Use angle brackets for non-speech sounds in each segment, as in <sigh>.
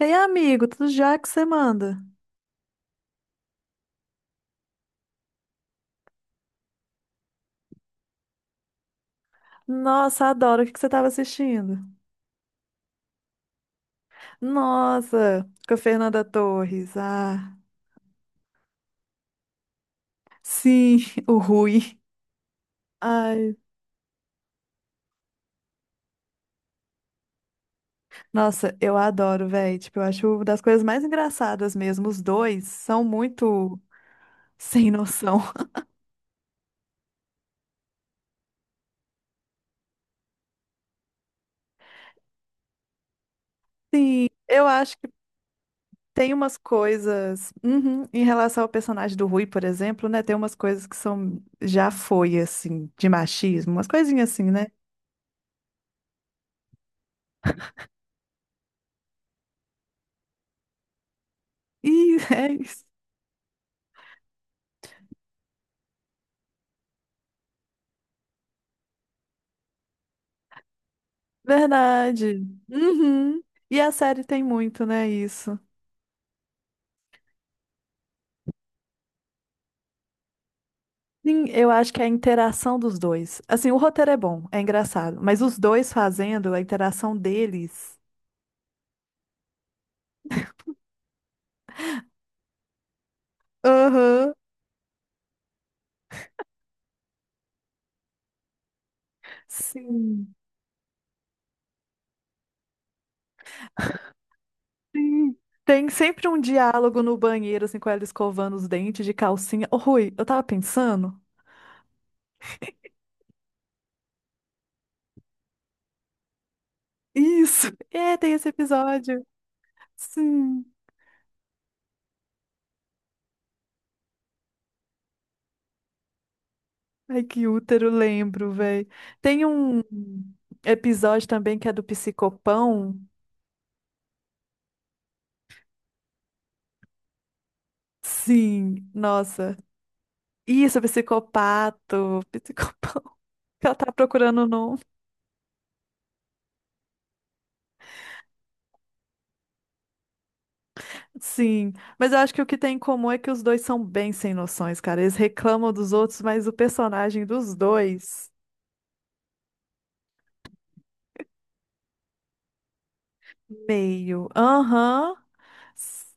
Ei, amigo, tudo já que você manda? Nossa, adoro. O que que você estava assistindo? Nossa, com a Fernanda Torres. Ah, sim, <laughs> o Rui. Ai, nossa, eu adoro, velho. Tipo, eu acho uma das coisas mais engraçadas mesmo. Os dois são muito sem noção. <laughs> Sim, eu acho que tem umas coisas. Uhum, em relação ao personagem do Rui, por exemplo, né? Tem umas coisas que são. Já foi, assim, de machismo, umas coisinhas assim, né? E <laughs> é isso. Verdade. Uhum. E a série tem muito, né, isso. Sim, eu acho que é a interação dos dois. Assim, o roteiro é bom, é engraçado, mas os dois fazendo a interação deles. Aham. Sim. Sim. Tem sempre um diálogo no banheiro, assim, com ela escovando os dentes de calcinha. Ô, Rui, eu tava pensando. Isso. <laughs> É, tem esse episódio. Sim. Ai, que útero, lembro, velho. Tem um episódio também que é do psicopão. Sim, nossa. Isso, psicopato, psicopão. <laughs> Ela tá procurando o nome. Sim, mas eu acho que o que tem em comum é que os dois são bem sem noções, cara. Eles reclamam dos outros, mas o personagem dos dois, meio. Aham. S-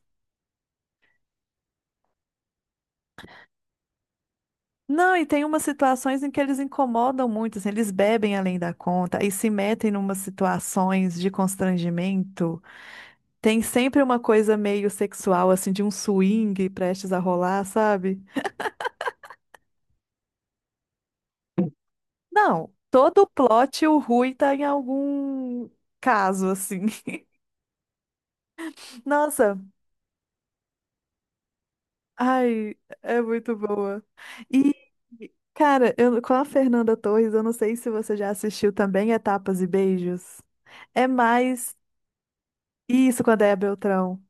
Não, e tem umas situações em que eles incomodam muito, assim, eles bebem além da conta e se metem em numas situações de constrangimento. Tem sempre uma coisa meio sexual, assim, de um swing prestes a rolar, sabe? Não, todo plot o Rui tá em algum caso, assim. <laughs> Nossa, ai, é muito boa. E, cara, eu, com a Fernanda Torres, eu não sei se você já assistiu também Etapas e Beijos. É mais isso com a Déa Beltrão.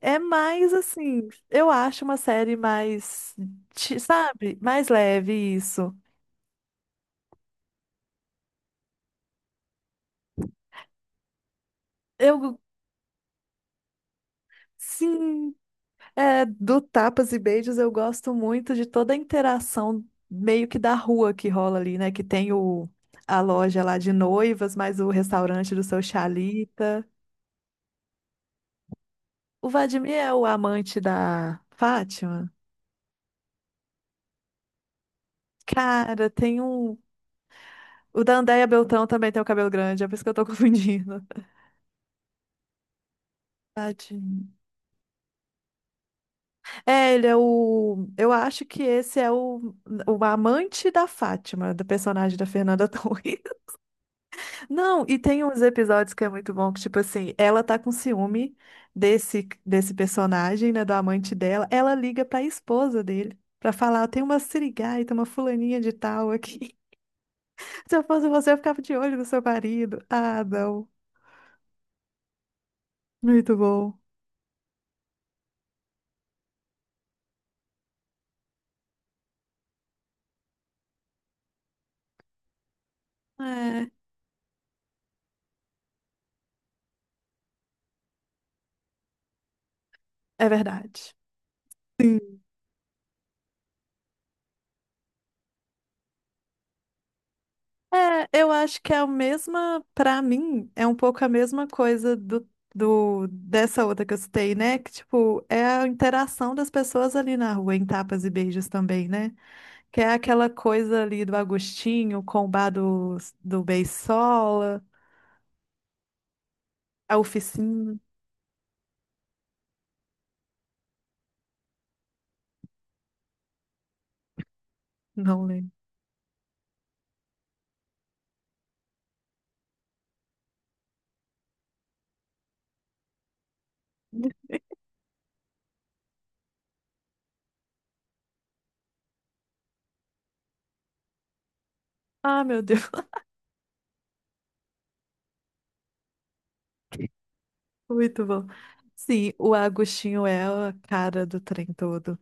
É mais assim, eu acho uma série mais, sabe, mais leve isso. Eu, sim, é, do Tapas e Beijos eu gosto muito de toda a interação meio que da rua que rola ali, né? Que tem o, a loja lá de noivas, mais o restaurante do seu Chalita. O Vladimir é o amante da Fátima? Cara, tem um. O da Andéia Beltrão também tem o cabelo grande, é por isso que eu tô <laughs> confundindo. Tadinho. É, ele é o. Eu acho que esse é o amante da Fátima, do personagem da Fernanda <laughs> Torres. Não, e tem uns episódios que é muito bom, que, tipo assim, ela tá com ciúme desse personagem, né, do amante dela. Ela liga pra esposa dele pra falar: tem uma sirigaita, uma fulaninha de tal aqui. <laughs> Se eu fosse você, eu ficava de olho no seu marido. Ah, não. Muito bom. É, é verdade. É, eu acho que é a mesma, pra mim, é um pouco a mesma coisa do, do dessa outra que eu citei, né? Que, tipo, é a interação das pessoas ali na rua, em tapas e beijos também, né? Que é aquela coisa ali do Agostinho com o bar do, do Beisola, a oficina, não lembro. Ah, meu Deus, <laughs> muito bom. Sim, o Agostinho é a cara do trem todo.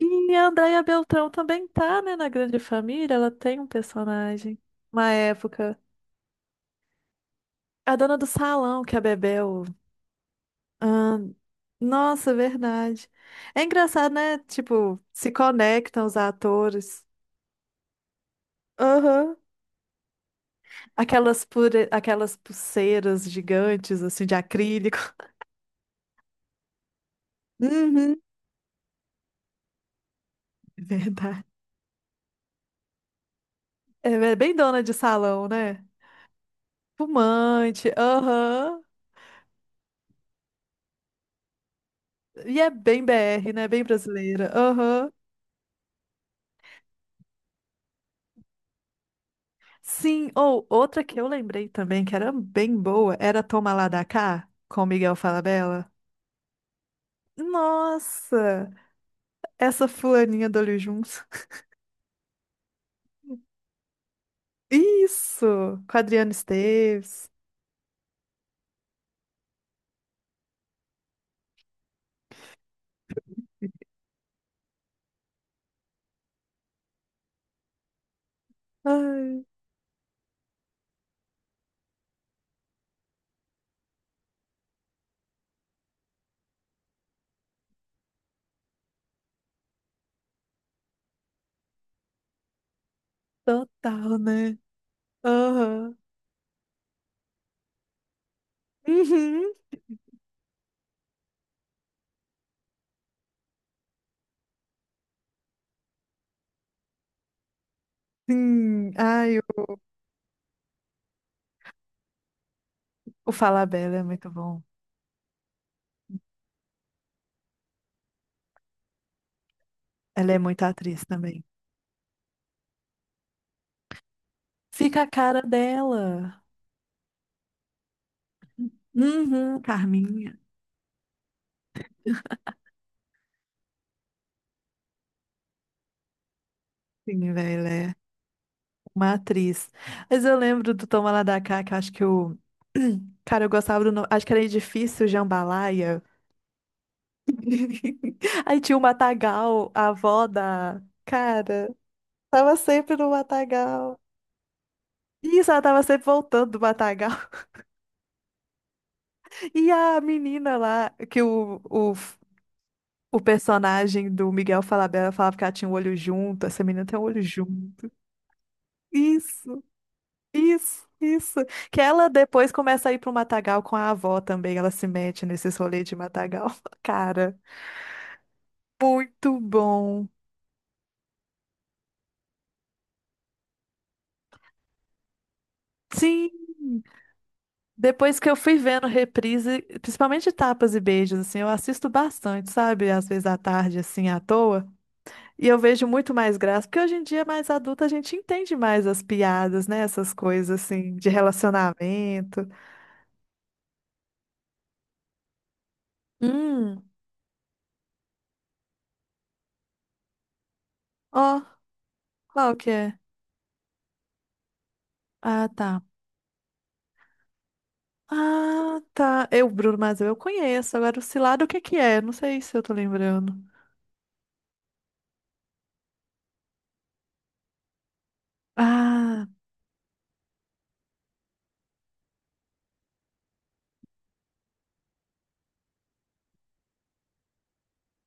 E a Andréia Beltrão também tá, né, na Grande Família, ela tem um personagem uma época. A dona do salão que a bebeu. Ah, nossa, verdade. É engraçado, né? Tipo, se conectam os atores. Aham. Aquelas, pure... Aquelas pulseiras gigantes, assim, de acrílico. Uhum. <laughs> Verdade. É é bem dona de salão, né? Fumante, aham. E é bem BR, né? Bem brasileira, aham. Sim, ou outra que eu lembrei também, que era bem boa, era Toma Lá da Cá, com Miguel Falabella. Nossa! Essa fulaninha do Olho Juntos. <laughs> Isso! Com a Adriana Esteves. Ai, total, né? Aham. Uhum. Sim. Ai, o Falabella é muito bom. Ela é muito atriz também. Fica a cara dela. Uhum, Carminha. Sim, velho, ela é uma atriz. Mas eu lembro do Toma Lá da Cá, que eu acho que o... <clears throat> Cara, eu gostava do nome. Acho que era Edifício Jambalaya. <laughs> Aí tinha o Matagal, a avó da. Cara, tava sempre no Matagal. Isso, ela tava sempre voltando do Matagal. <laughs> E a menina lá, que o personagem do Miguel Falabella falava que ela tinha um olho junto, essa menina tem um olho junto. Isso, isso. Que ela depois começa a ir pro Matagal com a avó também, ela se mete nesses rolês de Matagal. <laughs> Cara, muito bom. Sim, depois que eu fui vendo reprise, principalmente tapas e beijos, assim, eu assisto bastante, sabe? Às vezes à tarde, assim, à toa. E eu vejo muito mais graça, porque hoje em dia, mais adulta, a gente entende mais as piadas, né? Essas coisas, assim, de relacionamento. Hum, ó, qual que é? Ah, tá. Ah, tá. Eu, Bruno Mars, eu conheço. Agora, o Cilado, o que que é? Não sei se eu tô lembrando. Ah,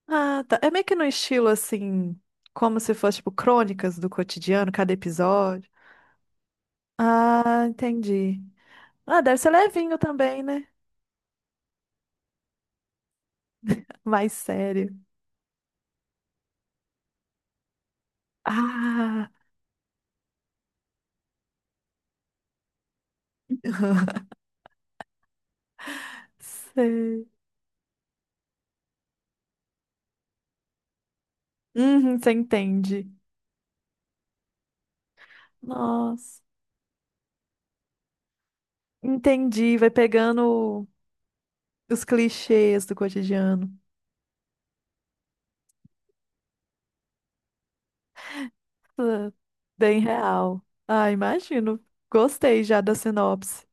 ah, tá. É meio que no estilo, assim, como se fosse, tipo, crônicas do cotidiano, cada episódio. Ah, entendi. Ah, deve ser levinho também, né? Mais sério. Ah, sei. Uhum, você entende. Nossa, entendi. Vai pegando os clichês do cotidiano. Ah, bem real. Ah, imagino. Gostei já da sinopse.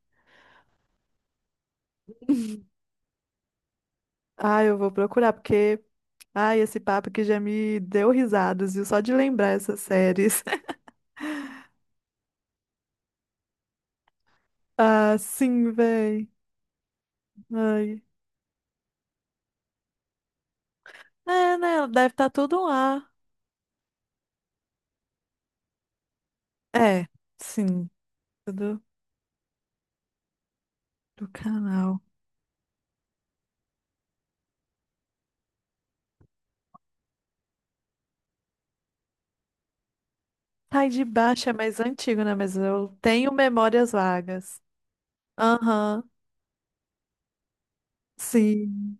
<laughs> Ah, eu vou procurar, porque. Ai, esse papo aqui já me deu risadas, viu? Só de lembrar essas séries. <laughs> Ah, sim, véi. Ai. É, né? Deve estar tudo lá. É, sim, tudo do canal. Tá, e de baixo é mais antigo, né? Mas eu tenho memórias vagas. Aham, sim.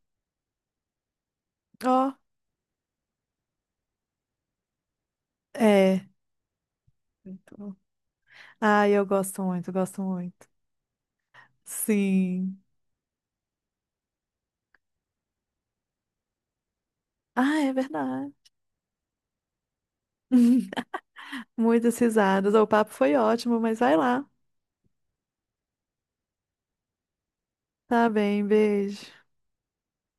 Ó, é. Muito bom. Ai, eu gosto muito, gosto muito. Sim. Ah, é verdade. <laughs> Muitas risadas. O papo foi ótimo, mas vai lá. Tá bem, beijo.